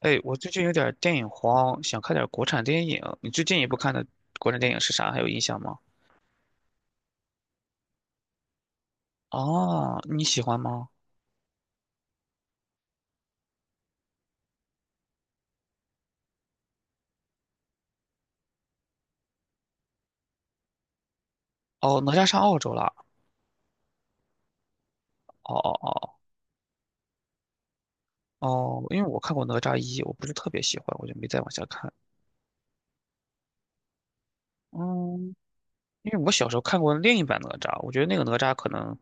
哎，我最近有点儿电影荒，想看点儿国产电影。你最近一部看的国产电影是啥？还有印象吗？哦，你喜欢吗？哦，哪吒上澳洲了。哦哦哦哦，因为我看过哪吒一，我不是特别喜欢，我就没再往下看。嗯，因为我小时候看过另一版哪吒，我觉得那个哪吒可能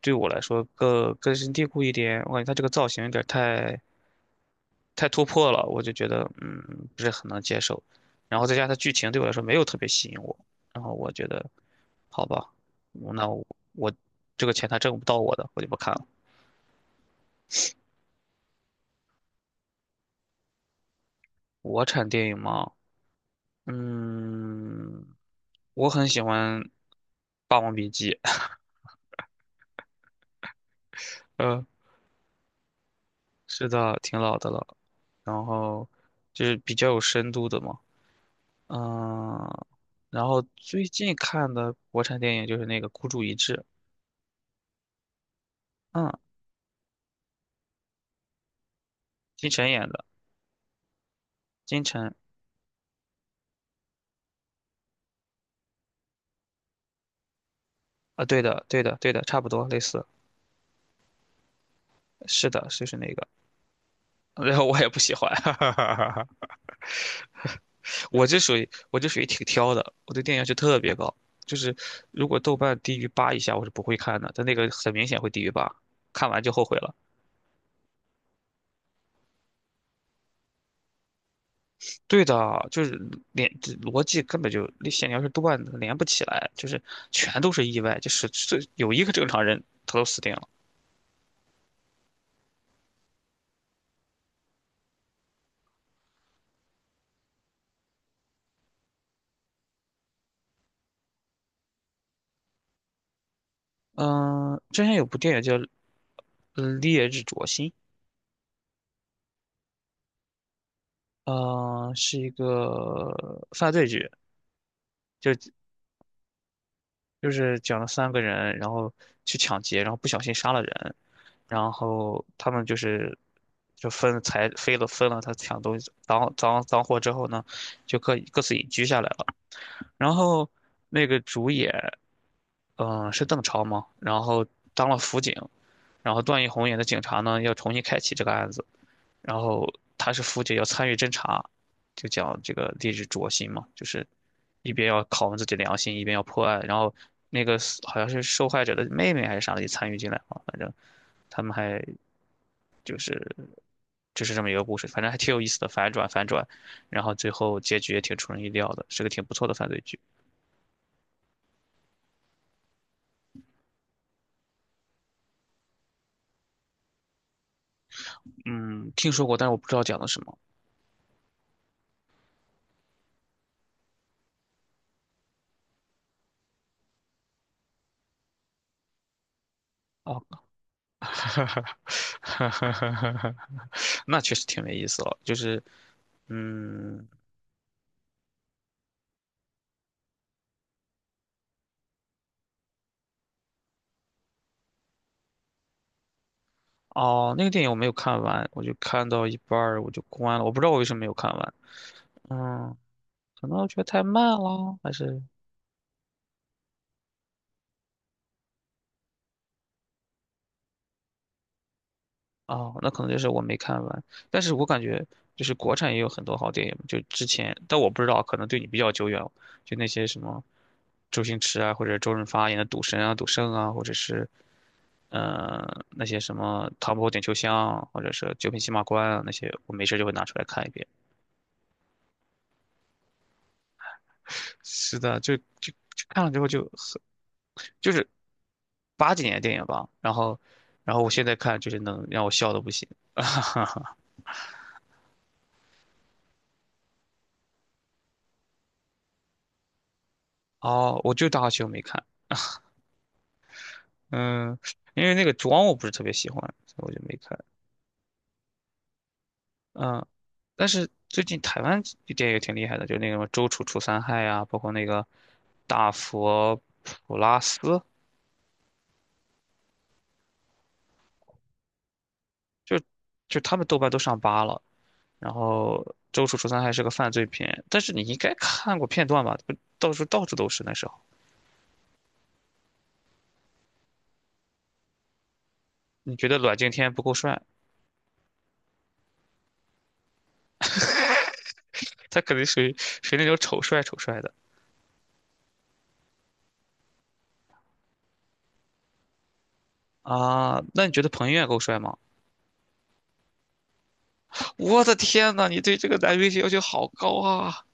对我来说更根深蒂固一点。我感觉他这个造型有点儿太突破了，我就觉得不是很能接受。然后再加上它剧情对我来说没有特别吸引我，然后我觉得好吧，那我我这个钱他挣不到我的，我就不看了。国产电影嘛，嗯，我很喜欢《霸王别姬》。嗯，是的，挺老的了，然后就是比较有深度的嘛。嗯，然后最近看的国产电影就是那个《孤注一掷》。嗯，金晨演的，金晨。啊，对的，对的，对的，差不多类似，是的，就是那个，然后我也不喜欢。我这属于挺挑的，我对电影要求特别高，就是如果豆瓣低于八以下，我是不会看的，但那个很明显会低于八，看完就后悔了。对的，就是连这逻辑根本就那线条是断的，连不起来，就是全都是意外，就是这有一个正常人他都死定了。嗯，之前有部电影叫《烈日灼心》，是一个犯罪剧，就就是讲了三个人，然后去抢劫，然后不小心杀了人，然后他们就是就分财飞了分了他抢东西赃货之后呢，就各自隐居下来了。然后那个主演，嗯、是邓超嘛，然后当了辅警，然后段奕宏演的警察呢，要重新开启这个案子。然后他是父亲要参与侦查，就讲这个励志灼心嘛，就是一边要拷问自己良心，一边要破案。然后那个死好像是受害者的妹妹还是啥的也参与进来了，反正他们还就是这么一个故事，反正还挺有意思的，反转反转，然后最后结局也挺出人意料的，是个挺不错的犯罪剧。嗯，听说过，但是我不知道讲的什么。哦。那确实挺没意思了，就是，嗯，哦，那个电影我没有看完，我就看到一半儿我就关了，我不知道我为什么没有看完。嗯，可能我觉得太慢了，还是哦，那可能就是我没看完。但是我感觉就是国产也有很多好电影，就之前，但我不知道，可能对你比较久远就那些什么周星驰啊，或者周润发演的《赌神》啊、《赌圣》啊，或者是那些什么《唐伯虎点秋香》啊或者是《九品芝麻官》啊那些，我没事就会拿出来看一遍。是的，就看了之后就是八几年的电影吧。然后我现在看就是能让我笑的不行。哦，我就《大话西游》没看。嗯，因为那个妆我不是特别喜欢，所以我就没看。嗯，但是最近台湾的电影挺厉害的，就是那个什么周楚除三害啊，包括那个大佛普拉斯，就就他们豆瓣都上八了。然后周楚除三害是个犯罪片，但是你应该看过片段吧？不到处到处都是那时候。你觉得阮经天不够帅？他肯定属于那种丑帅丑帅的啊。那你觉得彭于晏够帅吗？我的天呐，你对这个男明星要求好高啊！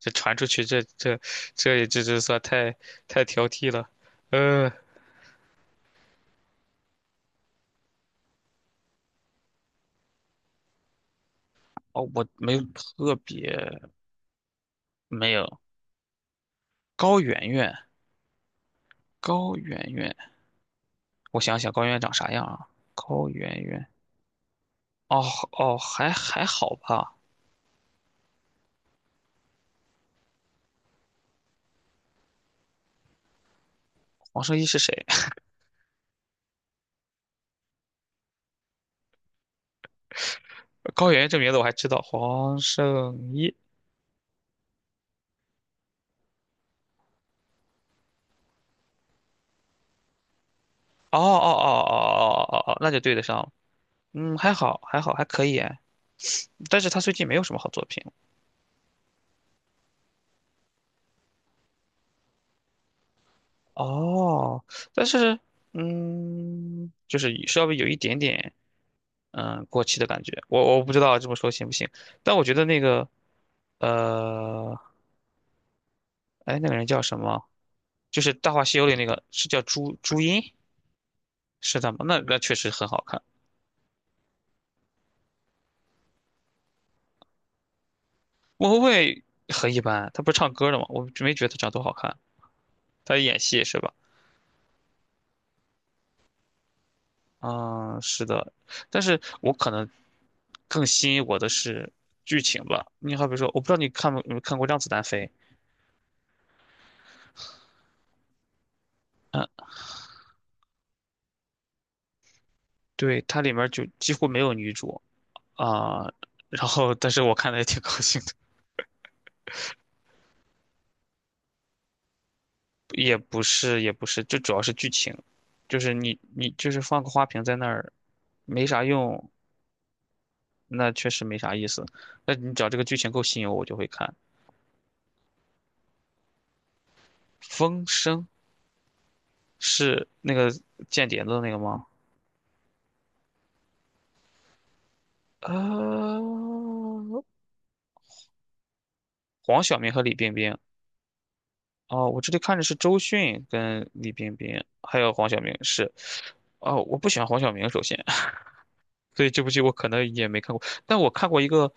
这传出去，这也算太挑剔了。呃，哦，我没有高圆圆，高圆圆，我想想高圆圆长啥样啊？高圆圆，哦哦，还好吧。黄圣依是谁？高圆圆这名字我还知道，黄圣依。哦哦哦哦哦哦哦，哦那就对得上了。嗯，还好，还好，还可以哎，但是他最近没有什么好作品哦。但是，就是稍微有一点点，过气的感觉。我不知道这么说行不行，但我觉得那个，呃，哎，那个人叫什么？就是《大话西游》里那个，是叫朱茵，是的吗？那那确实很好看。莫文蔚很一般，她不是唱歌的吗？我没觉得她长多好看，她演戏是吧？啊，是的，但是我可能更吸引我的是剧情吧。你好比说，我不知道你看没有看过《让子弹飞》，对，它里面儿就几乎没有女主啊，然后但是我看的也挺高兴的，也不是也不是，就主要是剧情，就是你就是放个花瓶在那儿，没啥用，那确实没啥意思。那你只要这个剧情够吸引我，我就会看。《风声》是那个间谍的那个吗？呃，黄晓明和李冰冰。哦，我这里看着是周迅跟李冰冰，还有黄晓明是。哦，我不喜欢黄晓明，首先。所以这部剧我可能也没看过，但我看过一个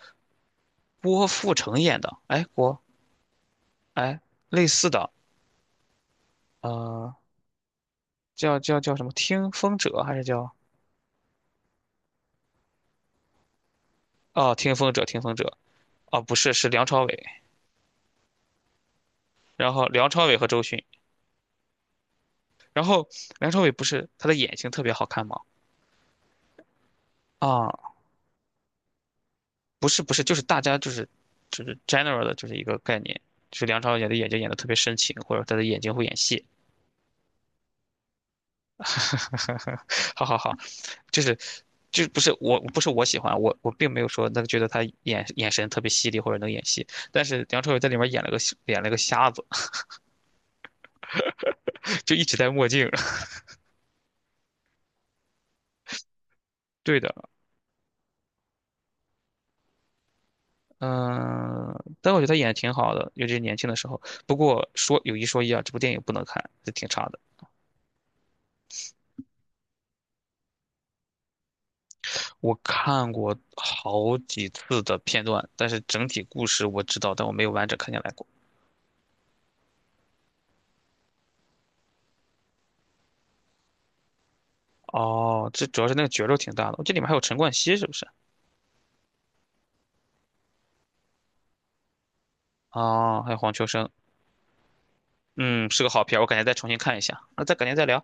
郭富城演的，哎，哎，类似的，呃，叫什么《听风者》还是叫哦，《听风者》哦，不是，是梁朝伟，然后梁朝伟和周迅，然后梁朝伟不是他的眼睛特别好看吗？啊、不是不是，就是大家就是 general 的，就是一个概念，就是梁朝伟的眼睛演的特别深情，或者他的眼睛会演戏。好好好，就是就不是我喜欢我并没有说那个觉得他眼神特别犀利或者能演戏，但是梁朝伟在里面演了个瞎子。就一直戴墨镜。对的，嗯、但我觉得他演的挺好的，尤其是年轻的时候。不过说有一说一啊，这部电影不能看，是挺差的。我看过好几次的片段，但是整体故事我知道，但我没有完整看下来过。哦，这主要是那个角肉挺大的，这里面还有陈冠希是不是？哦，还有黄秋生。嗯，是个好片儿我改天再重新看一下。那再改天再聊。